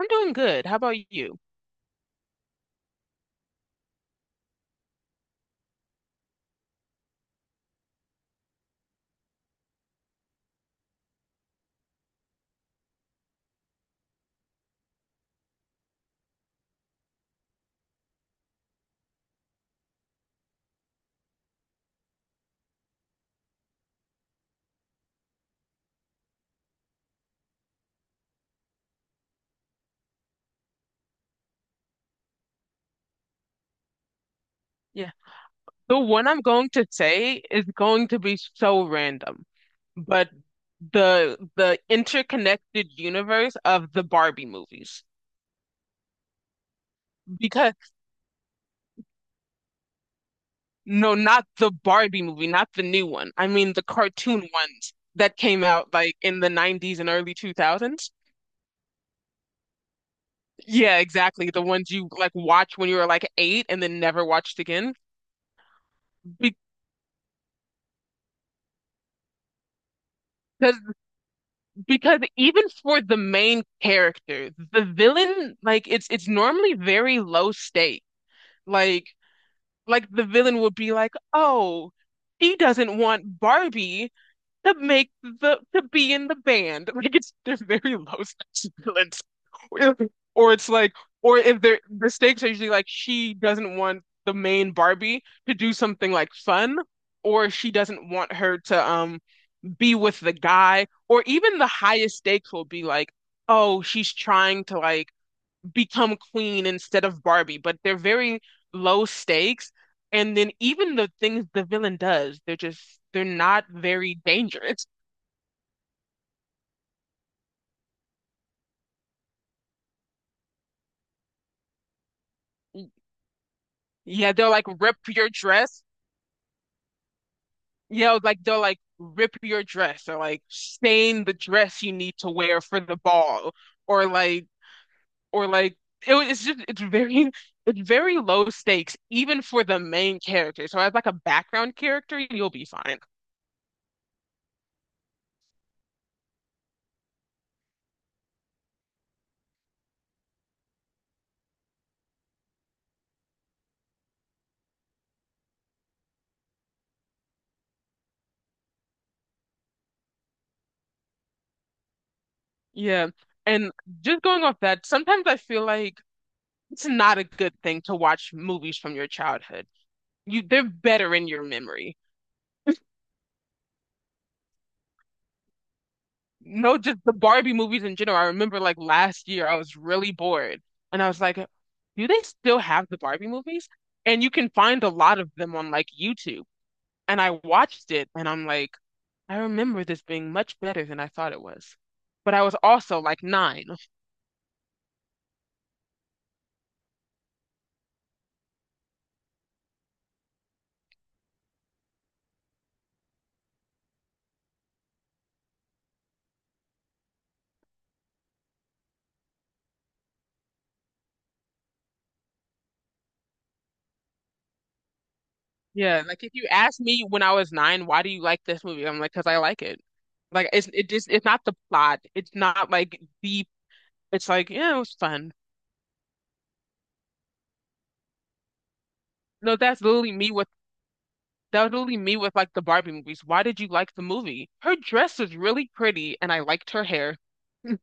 I'm doing good. How about you? Yeah. The one I'm going to say is going to be so random, but the interconnected universe of the Barbie movies. Because No, not the Barbie movie, not the new one. I mean the cartoon ones that came out like in the 90s and early 2000s. Yeah, exactly. The ones you like watch when you were like eight and then never watched again. Because Because even for the main character, the villain, like it's normally very low stake. Like like the villain would be like, "Oh, he doesn't want Barbie to make the to be in the band." Like it's they're very low stakes villains. Or, or it's like, or if they're the stakes are usually like she doesn't want the main Barbie to do something like fun, or she doesn't want her to be with the guy, or even the highest stakes will be like, oh, she's trying to like become queen instead of Barbie, but they're very low stakes. And then even the things the villain does, they're just they're not very dangerous. Yeah, they'll like rip your dress. Yeah, like they'll like rip your dress or like stain the dress you need to wear for the ball or like or like it's just it's very low stakes even for the main character. So as like a background character, you'll be fine. Yeah. And just going off that, sometimes I feel like it's not a good thing to watch movies from your childhood. You they're better in your memory. No, just the Barbie movies in general. I remember like last year I was really bored and I was like, do they still have the Barbie movies? And you can find a lot of them on like YouTube. And I watched it and I'm like, I remember this being much better than I thought it was. But I was also like nine. Yeah, like if you ask me when I was nine, why do you like this movie? I'm like, because I like it. Like it just it's not the plot. It's not like deep. It's like, yeah, it was fun. No, that's literally me with That was literally me with like the Barbie movies. Why did you like the movie? Her dress was really pretty and I liked her hair.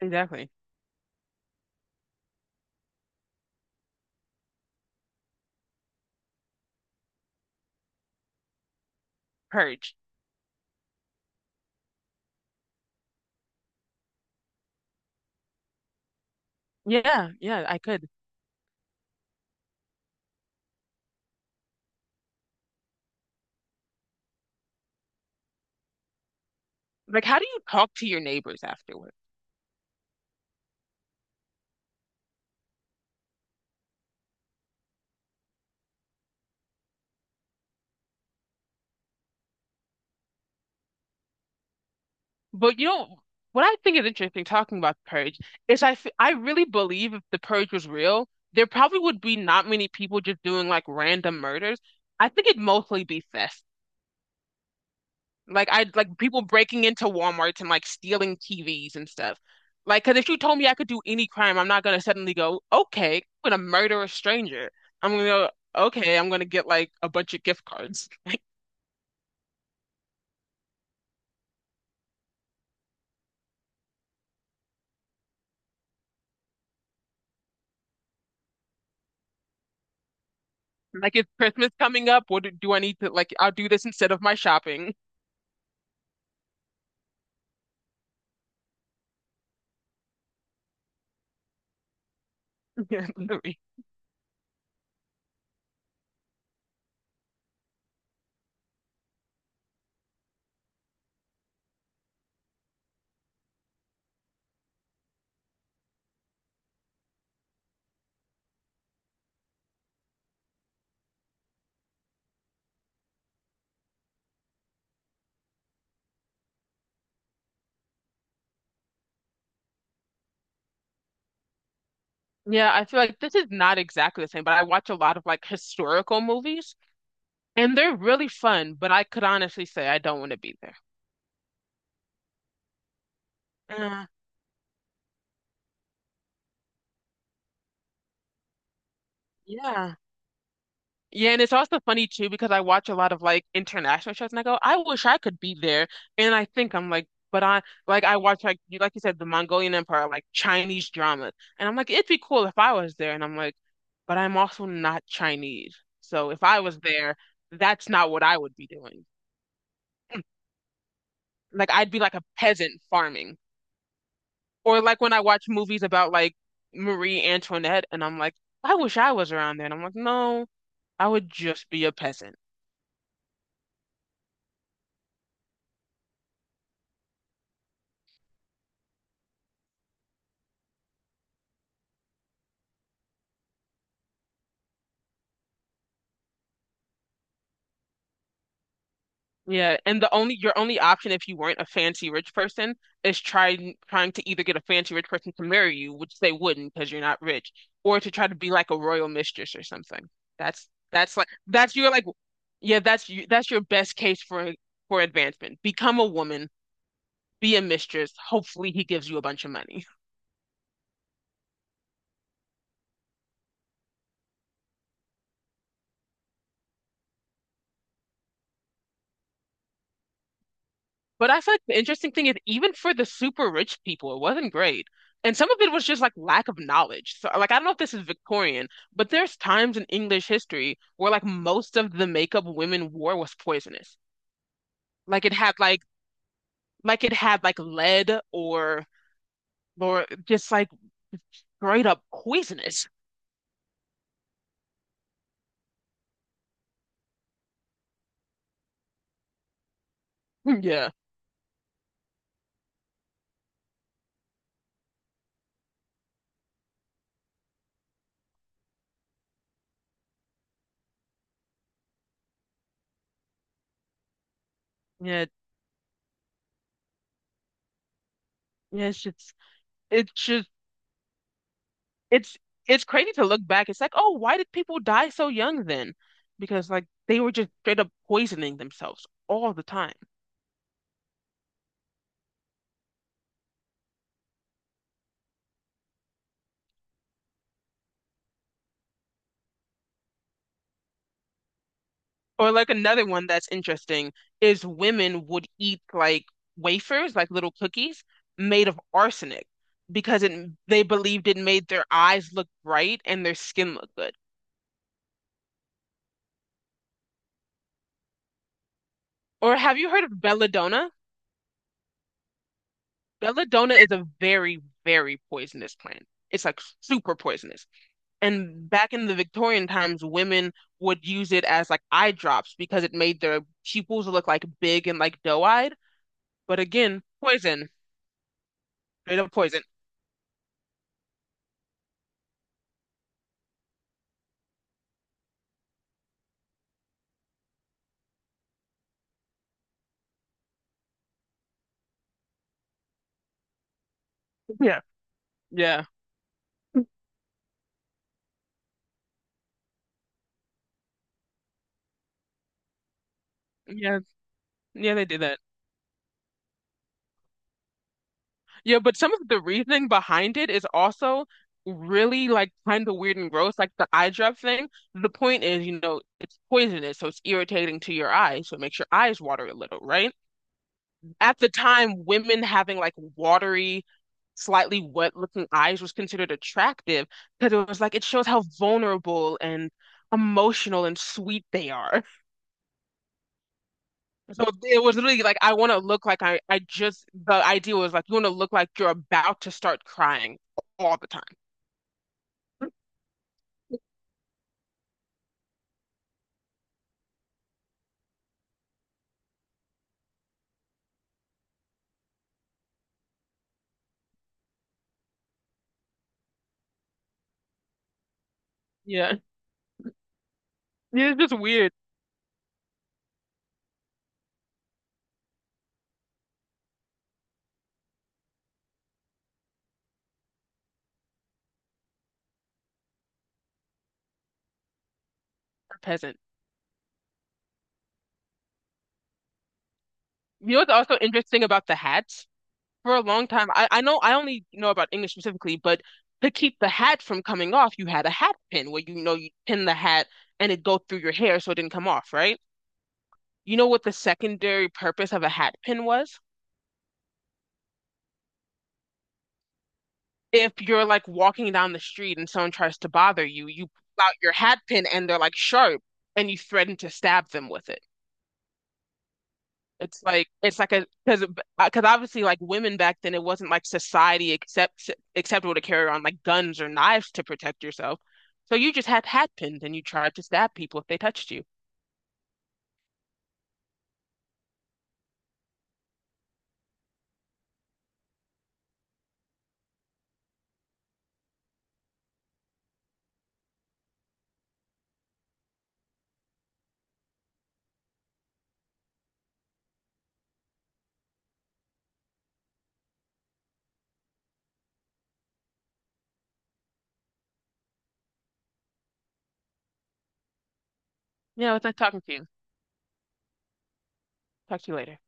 Exactly. Purge. Yeah, yeah, I could. Like, how do you talk to your neighbors afterwards? But you know what I think is interesting talking about the purge is I really believe if the purge was real, there probably would be not many people just doing like random murders. I think it'd mostly be theft. Like I like people breaking into Walmarts and like stealing TVs and stuff. Like, because if you told me I could do any crime, I'm not gonna suddenly go, okay, I'm gonna murder a stranger. I'm gonna go, okay, I'm gonna get like a bunch of gift cards. Like it's Christmas coming up. Do I need to like? I'll do this instead of my shopping. Yeah, literally. Yeah, I feel like this is not exactly the same, but I watch a lot of like historical movies and they're really fun, but I could honestly say I don't want to be there. Uh, yeah. Yeah, and it's also funny too because I watch a lot of like international shows and I go, I wish I could be there. And I think I'm like, but I watch like you said the Mongolian Empire, like Chinese dramas. And I'm like, it'd be cool if I was there. And I'm like, but I'm also not Chinese. So if I was there, that's not what I would be doing. Like I'd be like a peasant farming. Or like when I watch movies about like Marie Antoinette and I'm like, I wish I was around there. And I'm like, no, I would just be a peasant. Yeah. And the only your only option if you weren't a fancy rich person is trying to either get a fancy rich person to marry you, which they wouldn't because you're not rich, or to try to be like a royal mistress or something. That's like that's your like yeah, that's you that's your best case for advancement. Become a woman, be a mistress. Hopefully he gives you a bunch of money. But I feel like the interesting thing is even for the super rich people, it wasn't great. And some of it was just like lack of knowledge. So like I don't know if this is Victorian, but there's times in English history where like most of the makeup women wore was poisonous. Like it had like it had like lead or just like straight up poisonous. Yeah. Yeah. Yeah, it's just it's just it's it's crazy to look back. It's like, oh, why did people die so young then? Because like they were just straight up poisoning themselves all the time. Or like another one that's interesting is women would eat like wafers, like little cookies made of arsenic because it they believed it made their eyes look bright and their skin look good. Or have you heard of belladonna? Belladonna is a very, very poisonous plant. It's like super poisonous. And back in the Victorian times, women would use it as like eye drops because it made their pupils look like big and like doe-eyed. But again, poison, straight up poison. Yeah. Yeah. Yeah. Yeah, they did that. Yeah, but some of the reasoning behind it is also really like kind of weird and gross, like the eye drop thing. The point is, you know, it's poisonous, so it's irritating to your eyes, so it makes your eyes water a little, right? At the time, women having like watery, slightly wet looking eyes was considered attractive because it was like it shows how vulnerable and emotional and sweet they are. So it was literally like I want to look like I just the idea was like you want to look like you're about to start crying all the time. Yeah. It's just weird, peasant. You know what's also interesting about the hats? For a long time, I know I only know about English specifically, but to keep the hat from coming off, you had a hat pin where you know you pin the hat and it go through your hair so it didn't come off, right? You know what the secondary purpose of a hat pin was? If you're like walking down the street and someone tries to bother you, you pull out your hat pin and they're like sharp and you threaten to stab them with it. It's like a because obviously like women back then it wasn't like society acceptable to carry on like guns or knives to protect yourself. So you just had hat pins and you tried to stab people if they touched you. You know, it's not talking to you. Talk to you later.